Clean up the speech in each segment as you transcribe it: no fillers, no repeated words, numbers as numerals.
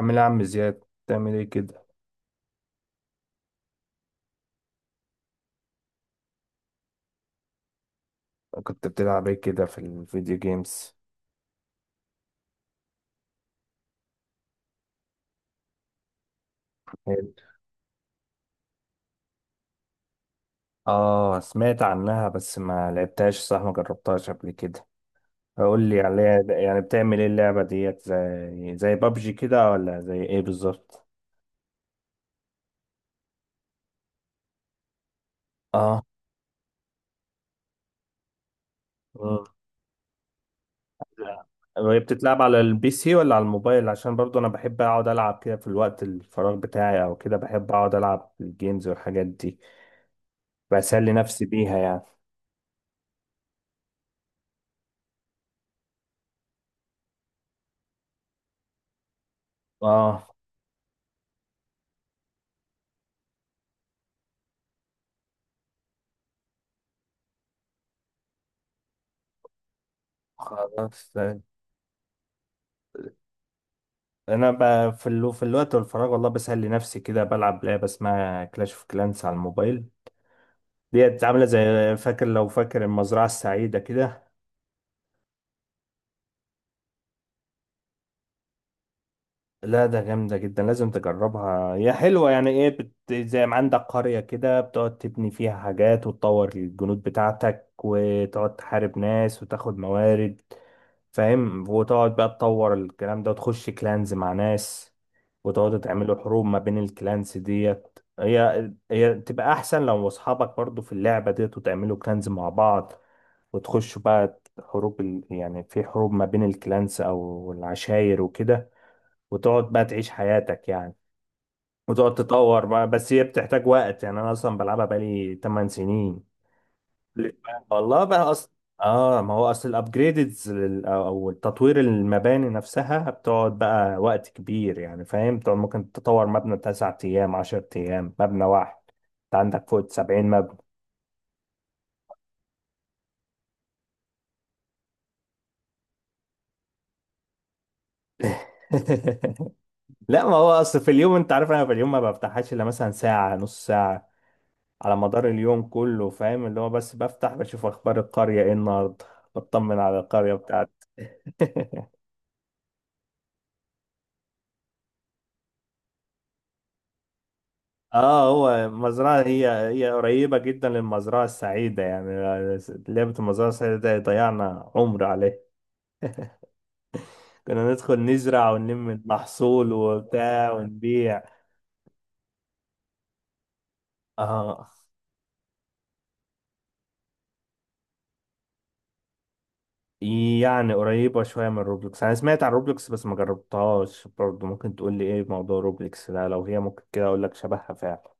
عامل ايه يا عم زياد؟ بتعمل ايه كده؟ كنت بتلعب ايه كده في الفيديو جيمز؟ حلو. اه، سمعت عنها بس ما لعبتهاش. صح، ما جربتهاش قبل كده. قول لي عليها، يعني بتعمل ايه اللعبة ديت؟ زي بابجي كده ولا زي ايه بالظبط؟ اه. مم. لا. وهي بتتلعب على البي سي ولا على الموبايل؟ عشان برضو انا بحب اقعد العب كده في الوقت الفراغ بتاعي، او كده بحب اقعد العب الجيمز والحاجات دي، بسلي نفسي بيها يعني. اه. خلاص. انا في الوقت والفراغ، والله بسهل لنفسي كده، بلعب لعبه اسمها كلاش اوف كلانس على الموبايل. ديت عامله زي، لو فاكر المزرعه السعيده كده. لا، ده جامدة جدا، لازم تجربها. هي حلوة يعني. ايه زي ما عندك قرية كده، بتقعد تبني فيها حاجات وتطور الجنود بتاعتك، وتقعد تحارب ناس وتاخد موارد. فاهم؟ وتقعد بقى تطور الكلام ده وتخش كلانز مع ناس، وتقعدوا تعملوا حروب ما بين الكلانز ديت. هي تبقى احسن لو اصحابك برضو في اللعبة ديت، وتعملوا كلانز مع بعض، وتخشوا بقى حروب يعني في حروب ما بين الكلانز او العشاير وكده، وتقعد بقى تعيش حياتك يعني، وتقعد تطور بقى. بس هي بتحتاج وقت يعني. انا اصلا بلعبها بقالي 8 سنين. ليه؟ والله بقى اصلا. اه، ما هو اصل الابجريدز او التطوير، المباني نفسها بتقعد بقى وقت كبير يعني. فاهم؟ بتقعد ممكن تطور مبنى 9 ايام، 10 ايام، مبنى واحد. انت عندك فوق 70 مبنى. لا، ما هو اصل في اليوم، انت عارف، انا في اليوم ما بفتحهاش الا مثلا ساعة، نص ساعة على مدار اليوم كله. فاهم؟ اللي هو بس بفتح بشوف اخبار القرية ايه النهارده، بطمن على القرية بتاعتي. اه، هو مزرعة. هي قريبة جدا للمزرعة السعيدة يعني. لعبة المزرعة السعيدة ده ضيعنا عمر عليه. كنا ندخل نزرع ونلم المحصول وبتاع ونبيع. اه. يعني قريبة شوية من روبلوكس. أنا سمعت عن روبلوكس بس ما جربتهاش برضه. ممكن تقول لي إيه موضوع روبلوكس ده؟ لو هي ممكن كده أقول لك شبهها فعلا.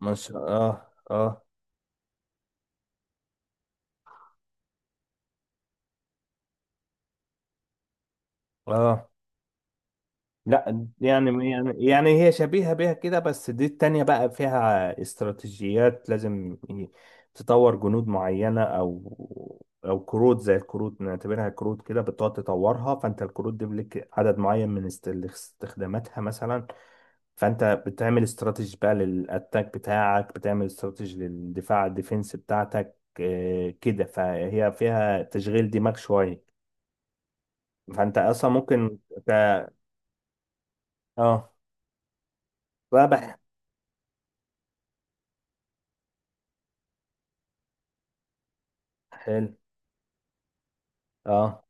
ما شاء الله. اه. اه. لا، يعني هي شبيهة بيها كده، بس دي التانية بقى فيها استراتيجيات. لازم تطور جنود معينة أو كروت. زي الكروت نعتبرها كروت كده، بتقعد تطورها. فأنت الكروت دي لك عدد معين من استخداماتها مثلا. فأنت بتعمل استراتيجي بقى للأتاك بتاعك، بتعمل استراتيجي للدفاع الديفنس بتاعتك، كده. فهي فيها تشغيل دماغ شوية. فأنت أصلا ممكن ت- اه. حلو. اه،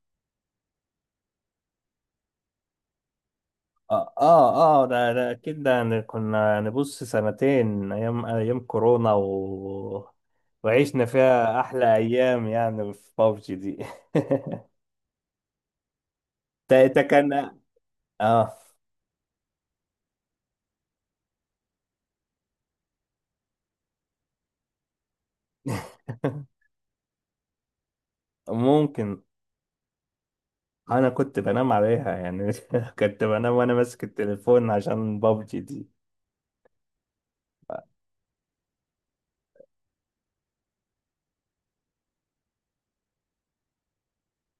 اه، اه، اه، ده اكيد ده يعني. كنا نبص سنتين ايام ايام كورونا وعشنا فيها احلى ايام يعني في بابجي دي. تا تا كان اه. ممكن. انا كنت بنام عليها يعني. كنت بنام وانا ماسك التليفون عشان بابجي دي.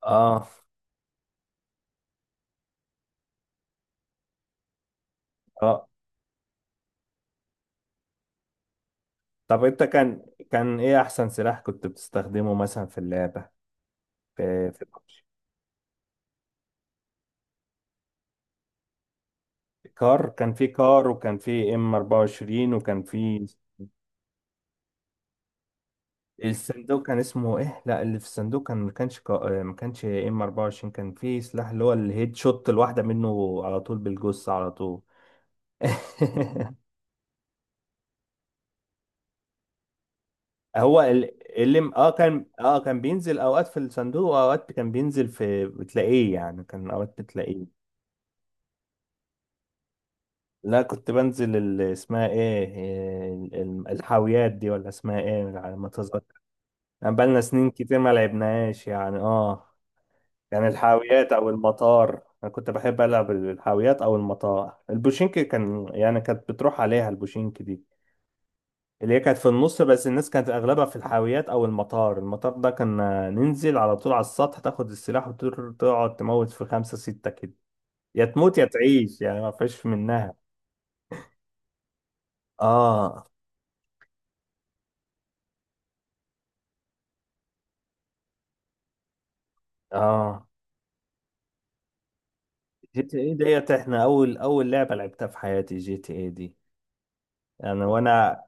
اه. اه. طب انت كان ايه احسن سلاح كنت بتستخدمه مثلا في اللعبة؟ في PUBG؟ كار. كان في كار، وكان في ام 24، وكان في. الصندوق كان اسمه ايه؟ لا، اللي في الصندوق كان، ما كانش ام 24. كان في سلاح اللي هو الهيد شوت، الواحده منه على طول بالجثه على طول. هو اللي كان بينزل اوقات في الصندوق واوقات كان بينزل في، بتلاقيه يعني. كان اوقات بتلاقيه. لا، كنت بنزل اسمها ايه، الحاويات دي، ولا اسمها ايه على ما تظبط. بقالنا سنين كتير ما لعبناهاش يعني. اه، يعني الحاويات او المطار. انا كنت بحب العب الحاويات او المطار. البوشينك كان، يعني كانت بتروح عليها البوشينك دي، اللي هي كانت في النص. بس الناس كانت اغلبها في الحاويات او المطار. المطار ده كان ننزل على طول على السطح، تاخد السلاح وتقعد تموت في خمسة ستة كده. يا تموت يا تعيش يعني، ما فيش منها. اه. اه. جي تي اي ديت احنا اول اول لعبة لعبتها في حياتي، جي تي اي دي، يعني. وانا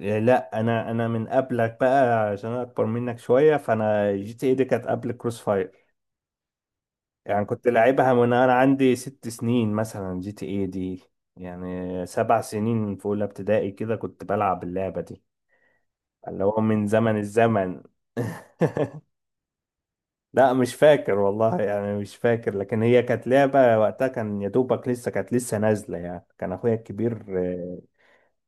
إيه؟ لا، انا من قبلك بقى عشان انا اكبر منك شويه. فانا جي تي اي دي كانت قبل كروس فاير يعني. كنت لعبها من انا عندي 6 سنين مثلا، جي تي اي دي يعني. 7 سنين، في اولى ابتدائي كده كنت بلعب اللعبه دي. اللي هو من زمن الزمن. لا، مش فاكر والله يعني. مش فاكر. لكن هي كانت لعبه، وقتها كان يا دوبك لسه كانت لسه نازله يعني. كان اخويا الكبير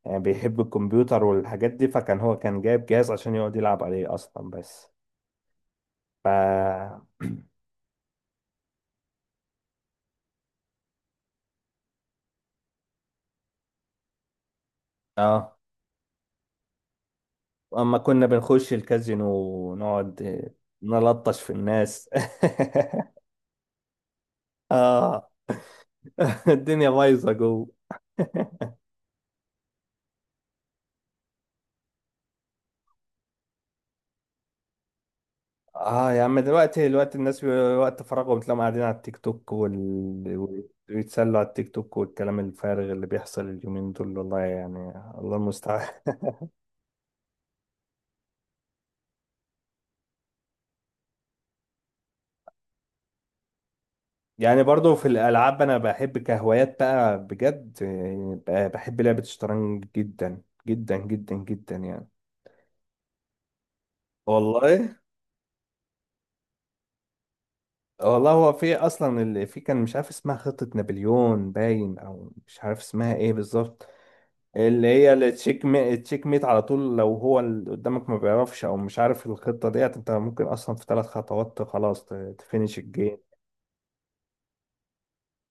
يعني بيحب الكمبيوتر والحاجات دي. فكان هو كان جايب جهاز عشان يقعد يلعب عليه اصلا بس. ف اه اما كنا بنخش الكازينو، ونقعد نلطش في الناس. اه، الدنيا بايظه جوه. اه يا عم، دلوقتي دلوقتي الناس وقت فراغهم تلاقيهم قاعدين على التيك توك ويتسلوا على التيك توك والكلام الفارغ اللي بيحصل اليومين دول والله يعني. الله المستعان. يعني برضو في الالعاب، انا بحب كهوايات بقى بجد يعني. بحب لعبة الشطرنج جدا جدا جدا جدا يعني. والله. والله هو في اصلا اللي في، كان مش عارف اسمها خطة نابليون باين او مش عارف اسمها ايه بالظبط. اللي هي التشيك ميت، التشيك ميت على طول. لو هو اللي قدامك ما بيعرفش او مش عارف الخطة ديت، انت ممكن اصلا في ثلاث خطوات خلاص تفينش الجيم.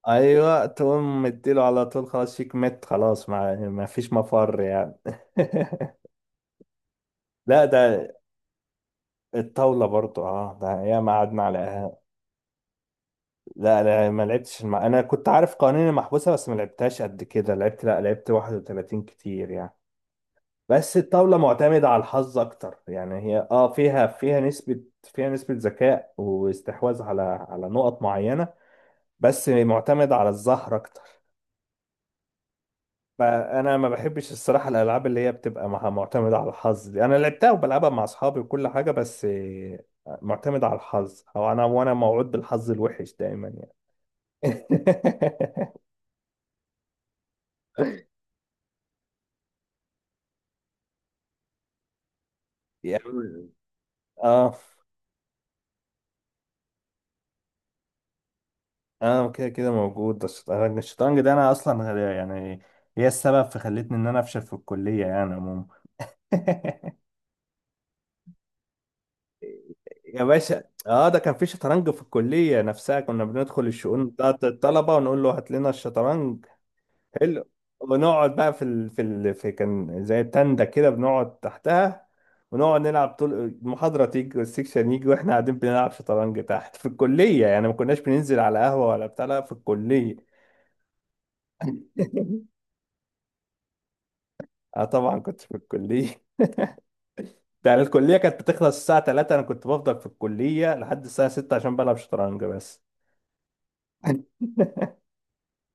ايوه، تقوم مديله على طول خلاص، شيك ميت، خلاص، ما فيش مفر يعني. لا، ده الطاولة برضو، اه، ده ياما قعدنا على. لا، انا ما لعبتش انا كنت عارف قوانين المحبوسه، بس ما لعبتهاش قد كده. لا لعبت 31 كتير يعني. بس الطاوله معتمده على الحظ اكتر يعني. هي فيها نسبه ذكاء واستحواذ على نقط معينه. بس معتمده على الزهر اكتر. فانا ما بحبش الصراحه الالعاب اللي هي بتبقى معتمده على الحظ دي. انا لعبتها وبلعبها مع اصحابي وكل حاجه بس معتمده على الحظ، او انا، وانا موعود بالحظ الوحش دايما يعني. يعني اه انا كده كده موجود الشطرنج ده انا اصلا يعني هي السبب في خلتني ان انا افشل في الكليه يعني عموما. يا باشا، اه. ده كان في شطرنج في الكليه نفسها. كنا بندخل الشؤون بتاعت الطلبه ونقول له هات لنا الشطرنج. حلو. ونقعد بقى في، كان زي تندة كده بنقعد تحتها، ونقعد نلعب طول المحاضره. تيجي والسكشن يجي واحنا قاعدين بنلعب شطرنج تحت في الكليه. يعني ما كناش بننزل على قهوه ولا بتاع، لا، في الكليه. اه، طبعا كنت في الكلية. ده الكلية كانت بتخلص الساعة 3، انا كنت بفضل في الكلية لحد الساعة 6 عشان بلعب شطرنج بس.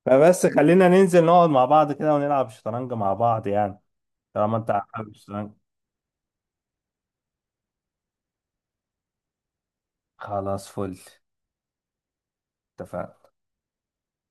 فبس خلينا ننزل نقعد مع بعض كده ونلعب شطرنج مع بعض يعني. طالما انت عارف الشطرنج، خلاص فل. اتفقنا.